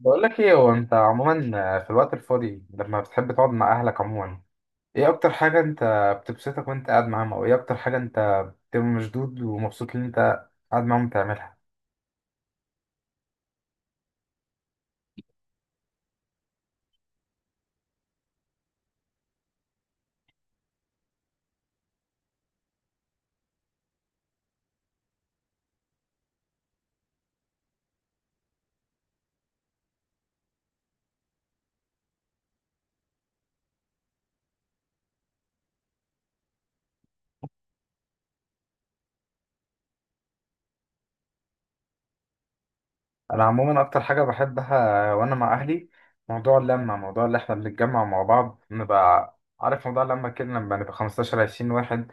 بقول لك ايه، هو انت عموما في الوقت الفاضي لما بتحب تقعد مع اهلك عموما، ايه اكتر حاجة انت بتبسطك وانت قاعد معاهم؟ او ايه اكتر حاجة انت بتبقى مشدود ومبسوط ان انت قاعد معاهم بتعملها؟ انا عموما اكتر حاجة بحبها وانا مع اهلي موضوع اللمة، موضوع اللي احنا بنتجمع مع بعض، نبقى عارف موضوع اللمة كده لما نبقى 15 20 واحد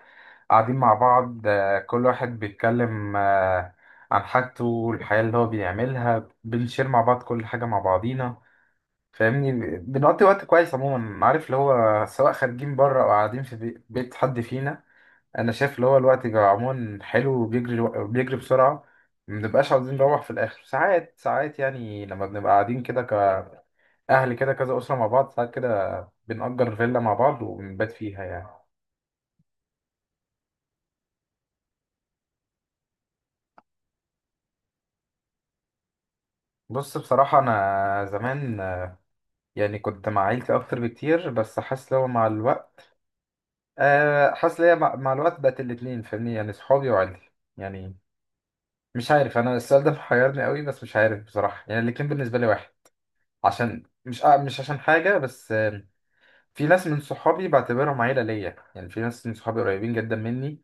قاعدين مع بعض. كل واحد بيتكلم عن حاجته، الحياة اللي هو بيعملها، بنشير مع بعض كل حاجة مع بعضينا، فاهمني. بنقضي وقت كويس عموما، عارف اللي هو، سواء خارجين بره او قاعدين في بيت حد فينا. انا شايف اللي هو الوقت بيبقى عموما حلو وبيجري بيجري بسرعه، ما بنبقاش عاوزين نروح في الاخر. ساعات ساعات يعني لما بنبقى قاعدين كده كاهل كده كذا اسره مع بعض، ساعات كده بنأجر فيلا مع بعض وبنبات فيها يعني. بص بصراحه، انا زمان يعني كنت مع عيلتي اكتر بكتير، بس حاسس اللي هو مع الوقت، حاسس ليا مع الوقت بقت الاتنين، فاهمني؟ يعني صحابي وعيلتي يعني، مش عارف، انا السؤال ده محيرني قوي، بس مش عارف بصراحه. يعني الاتنين بالنسبه لي واحد، عشان مش مش عشان حاجه، بس في ناس من صحابي بعتبرهم عيله ليا، يعني في ناس من صحابي قريبين جدا مني،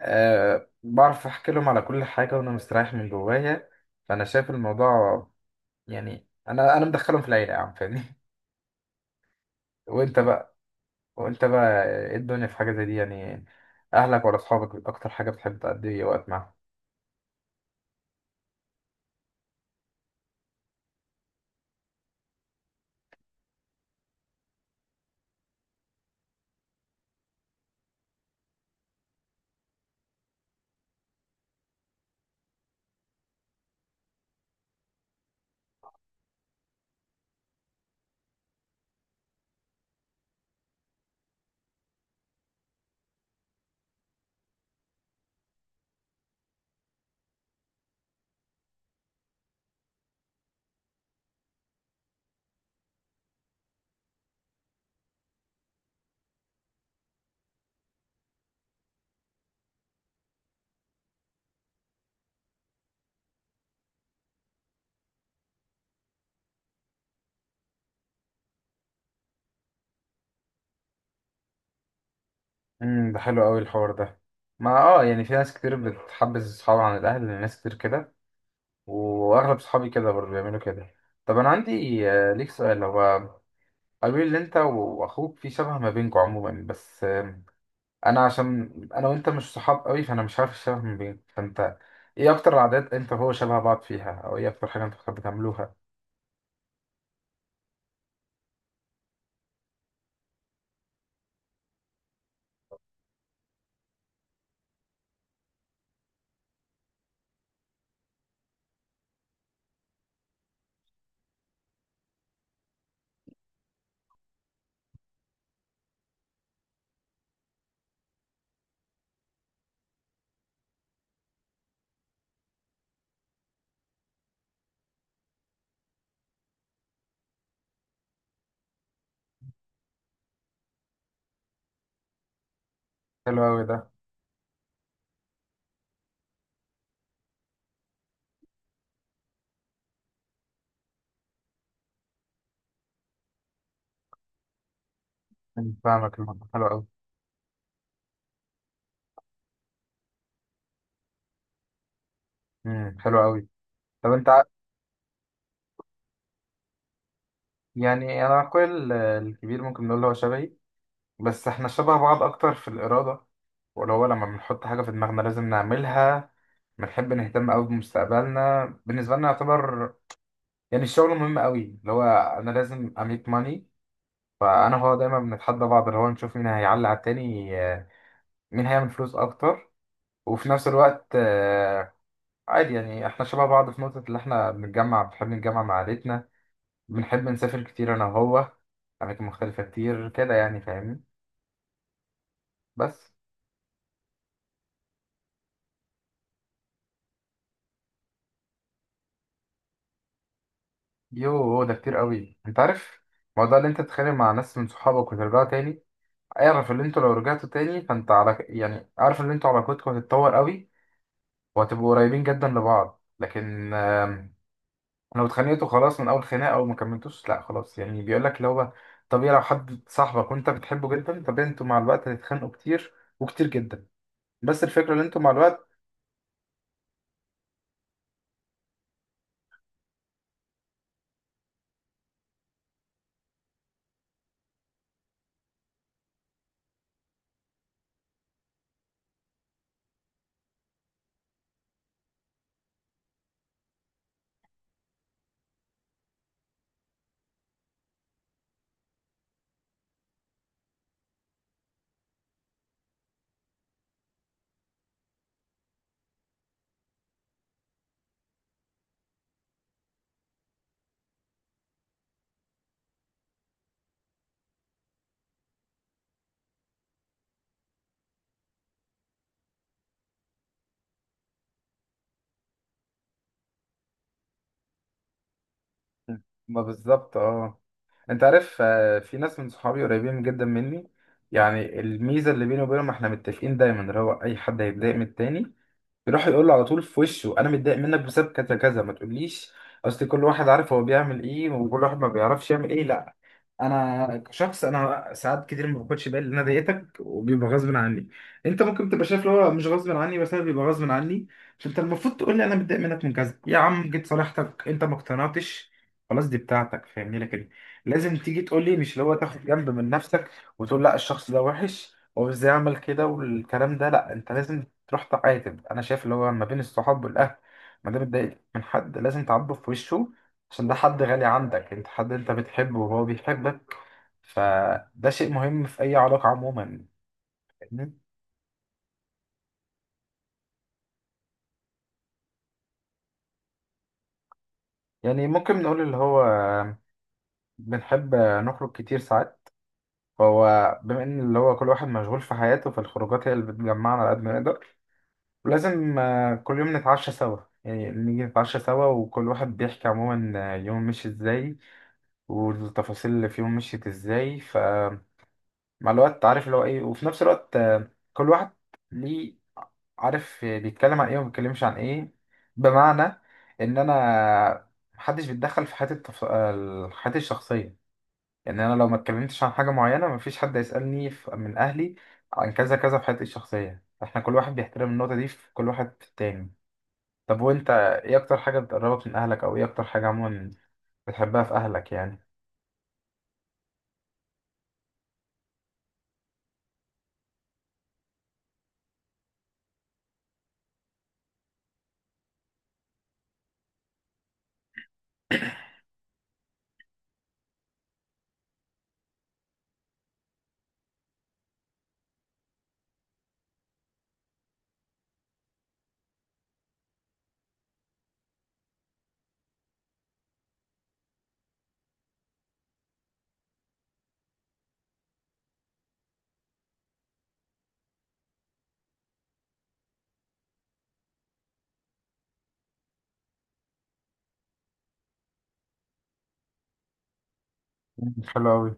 بعرف احكي لهم على كل حاجه وانا مستريح من جوايا. فانا شايف الموضوع يعني، انا مدخلهم في العيله يا عم، فاهمني. وانت بقى، وانت بقى ايه الدنيا في حاجه زي دي يعني، اهلك ولا اصحابك اكتر حاجه بتحب تقضي وقت معاهم؟ امم، ده حلو قوي الحوار ده. ما اه يعني، في ناس كتير بتحبس صحابها عن الاهل، ناس كتير كده، واغلب صحابي كده برضه بيعملوا كده. طب انا عندي ليك سؤال. هو قالوا لي ان انت واخوك في شبه ما بينكم عموما، بس انا عشان انا وانت مش صحاب قوي، فانا مش عارف الشبه ما بينكم، فانت ايه اكتر العادات انت وهو شبه بعض فيها؟ او ايه اكتر حاجه انتوا بتحبوا تعملوها؟ حلو قوي ده. أمم، فاهمك، الموضوع حلو قوي. حلو قوي. طب انت يعني انا اخويا الكبير ممكن نقول هو شبهي، بس احنا شبه بعض اكتر في الإرادة، ولا هو لما بنحط حاجة في دماغنا لازم نعملها. بنحب نهتم قوي بمستقبلنا، بالنسبة لنا يعتبر يعني الشغل مهم قوي، اللي هو انا لازم اميك ماني. فانا هو دايما بنتحدى بعض اللي هو نشوف مين هيعلي على التاني، مين هيعمل فلوس اكتر. وفي نفس الوقت عادي، يعني احنا شبه بعض في نقطة اللي احنا بنتجمع، بنحب نتجمع مع عائلتنا، بنحب نسافر كتير انا وهو اماكن مختلفة كتير كده، يعني فاهمني، بس. يوه، ده كتير قوي انت عارف، موضوع اللي انت تتخانق مع ناس من صحابك وترجعوا تاني. اعرف اللي انتوا لو رجعتوا تاني، فانت على يعني اعرف ان انتوا علاقتكم هتتطور قوي وهتبقوا قريبين جدا لبعض، لكن لو اتخانقتوا خلاص من اول خناقه او ما كملتوش، لا خلاص يعني، بيقول لك اللي هو طبيعي لو حد صاحبك وانت بتحبه جدا طبيعي انتوا مع الوقت هتتخانقوا كتير وكتير جدا، بس الفكره ان انتوا مع الوقت. ما بالظبط، اه. انت عارف، في ناس من صحابي قريبين جدا مني، يعني الميزه اللي بيني وبينهم احنا متفقين دايما اللي هو اي حد هيتضايق من التاني يروح يقول له على طول في وشه انا متضايق منك بسبب كذا كذا. ما تقوليش اصل كل واحد عارف هو بيعمل ايه وكل واحد ما بيعرفش يعمل ايه، لا. انا كشخص انا ساعات كتير ما باخدش بالي ان انا ضايقتك، وبيبقى غصب عني. انت ممكن تبقى شايف اللي هو مش غصب عني، بس انا بيبقى غصب عني. فانت المفروض تقول لي انا متضايق منك من كذا يا عم. جيت صالحتك انت ما اقتنعتش، خلاص دي بتاعتك فاهمني، لكن لازم تيجي تقول لي، مش اللي هو تاخد جنب من نفسك وتقول لا الشخص ده وحش، هو ازاي عمل كده والكلام ده، لا انت لازم تروح تعاتب. انا شايف اللي هو ما بين الصحاب والاهل، ما دام اتضايقت من حد لازم تعاتبه في وشه، عشان ده حد غالي عندك، انت حد انت بتحبه وهو بيحبك، فده شيء مهم في اي علاقة عموما، فاهمني؟ يعني ممكن نقول اللي هو بنحب نخرج كتير ساعات، فهو بما ان اللي هو كل واحد مشغول في حياته، فالخروجات هي اللي بتجمعنا على قد ما نقدر. ولازم كل يوم نتعشى سوا، يعني نيجي نتعشى سوا وكل واحد بيحكي عموما يوم مشي ازاي والتفاصيل اللي فيهم مشيت ازاي. فمع الوقت عارف اللي هو ايه، وفي نفس الوقت كل واحد ليه عارف بيتكلم عن ايه وما بيتكلمش عن ايه. بمعنى ان انا محدش بيتدخل في حياتي التف... آه، حياتي الشخصية. يعني انا لو ما اتكلمتش عن حاجة معينة مفيش حد يسألني من اهلي عن كذا كذا في حياتي الشخصية، احنا كل واحد بيحترم النقطة دي في كل واحد في التاني. طب وانت ايه اكتر حاجة بتقربك من اهلك؟ او ايه اكتر حاجة عموما بتحبها في اهلك يعني؟ حلو أوي.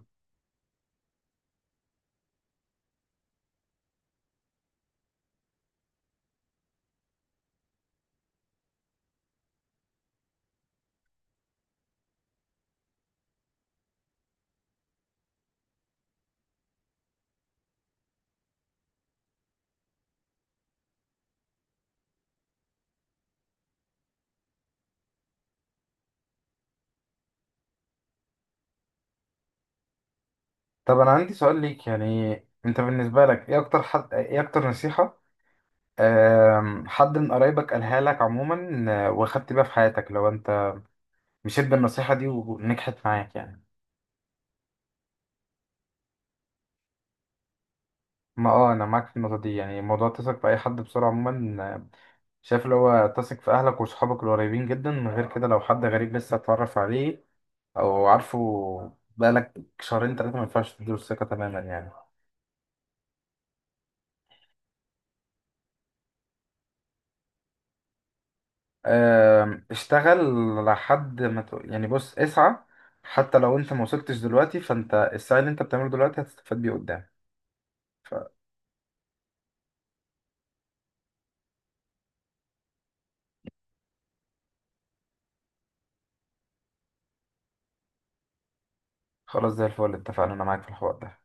طب انا عندي سؤال ليك يعني، انت بالنسبه لك ايه اكتر حد، ايه اكتر نصيحه حد من قرايبك قالها لك عموما واخدت بيها في حياتك، لو انت مشيت بالنصيحه دي ونجحت معاك يعني؟ ما اه، انا معاك في النقطه دي، يعني موضوع تثق في اي حد بسرعه عموما شايف اللي هو تثق في اهلك وصحابك القريبين جدا من غير كده. لو حد غريب لسه اتعرف عليه او عارفه بقالك شهرين 3، ما ينفعش تديله الثقه تماما يعني. آم، اشتغل لحد ما يعني بص اسعى، حتى لو انت ما وصلتش دلوقتي، فانت السعي اللي انت بتعمله دلوقتي هتستفاد بيه قدام. فخلاص زي الفل، اتفقنا، انا معاك في الحوار ده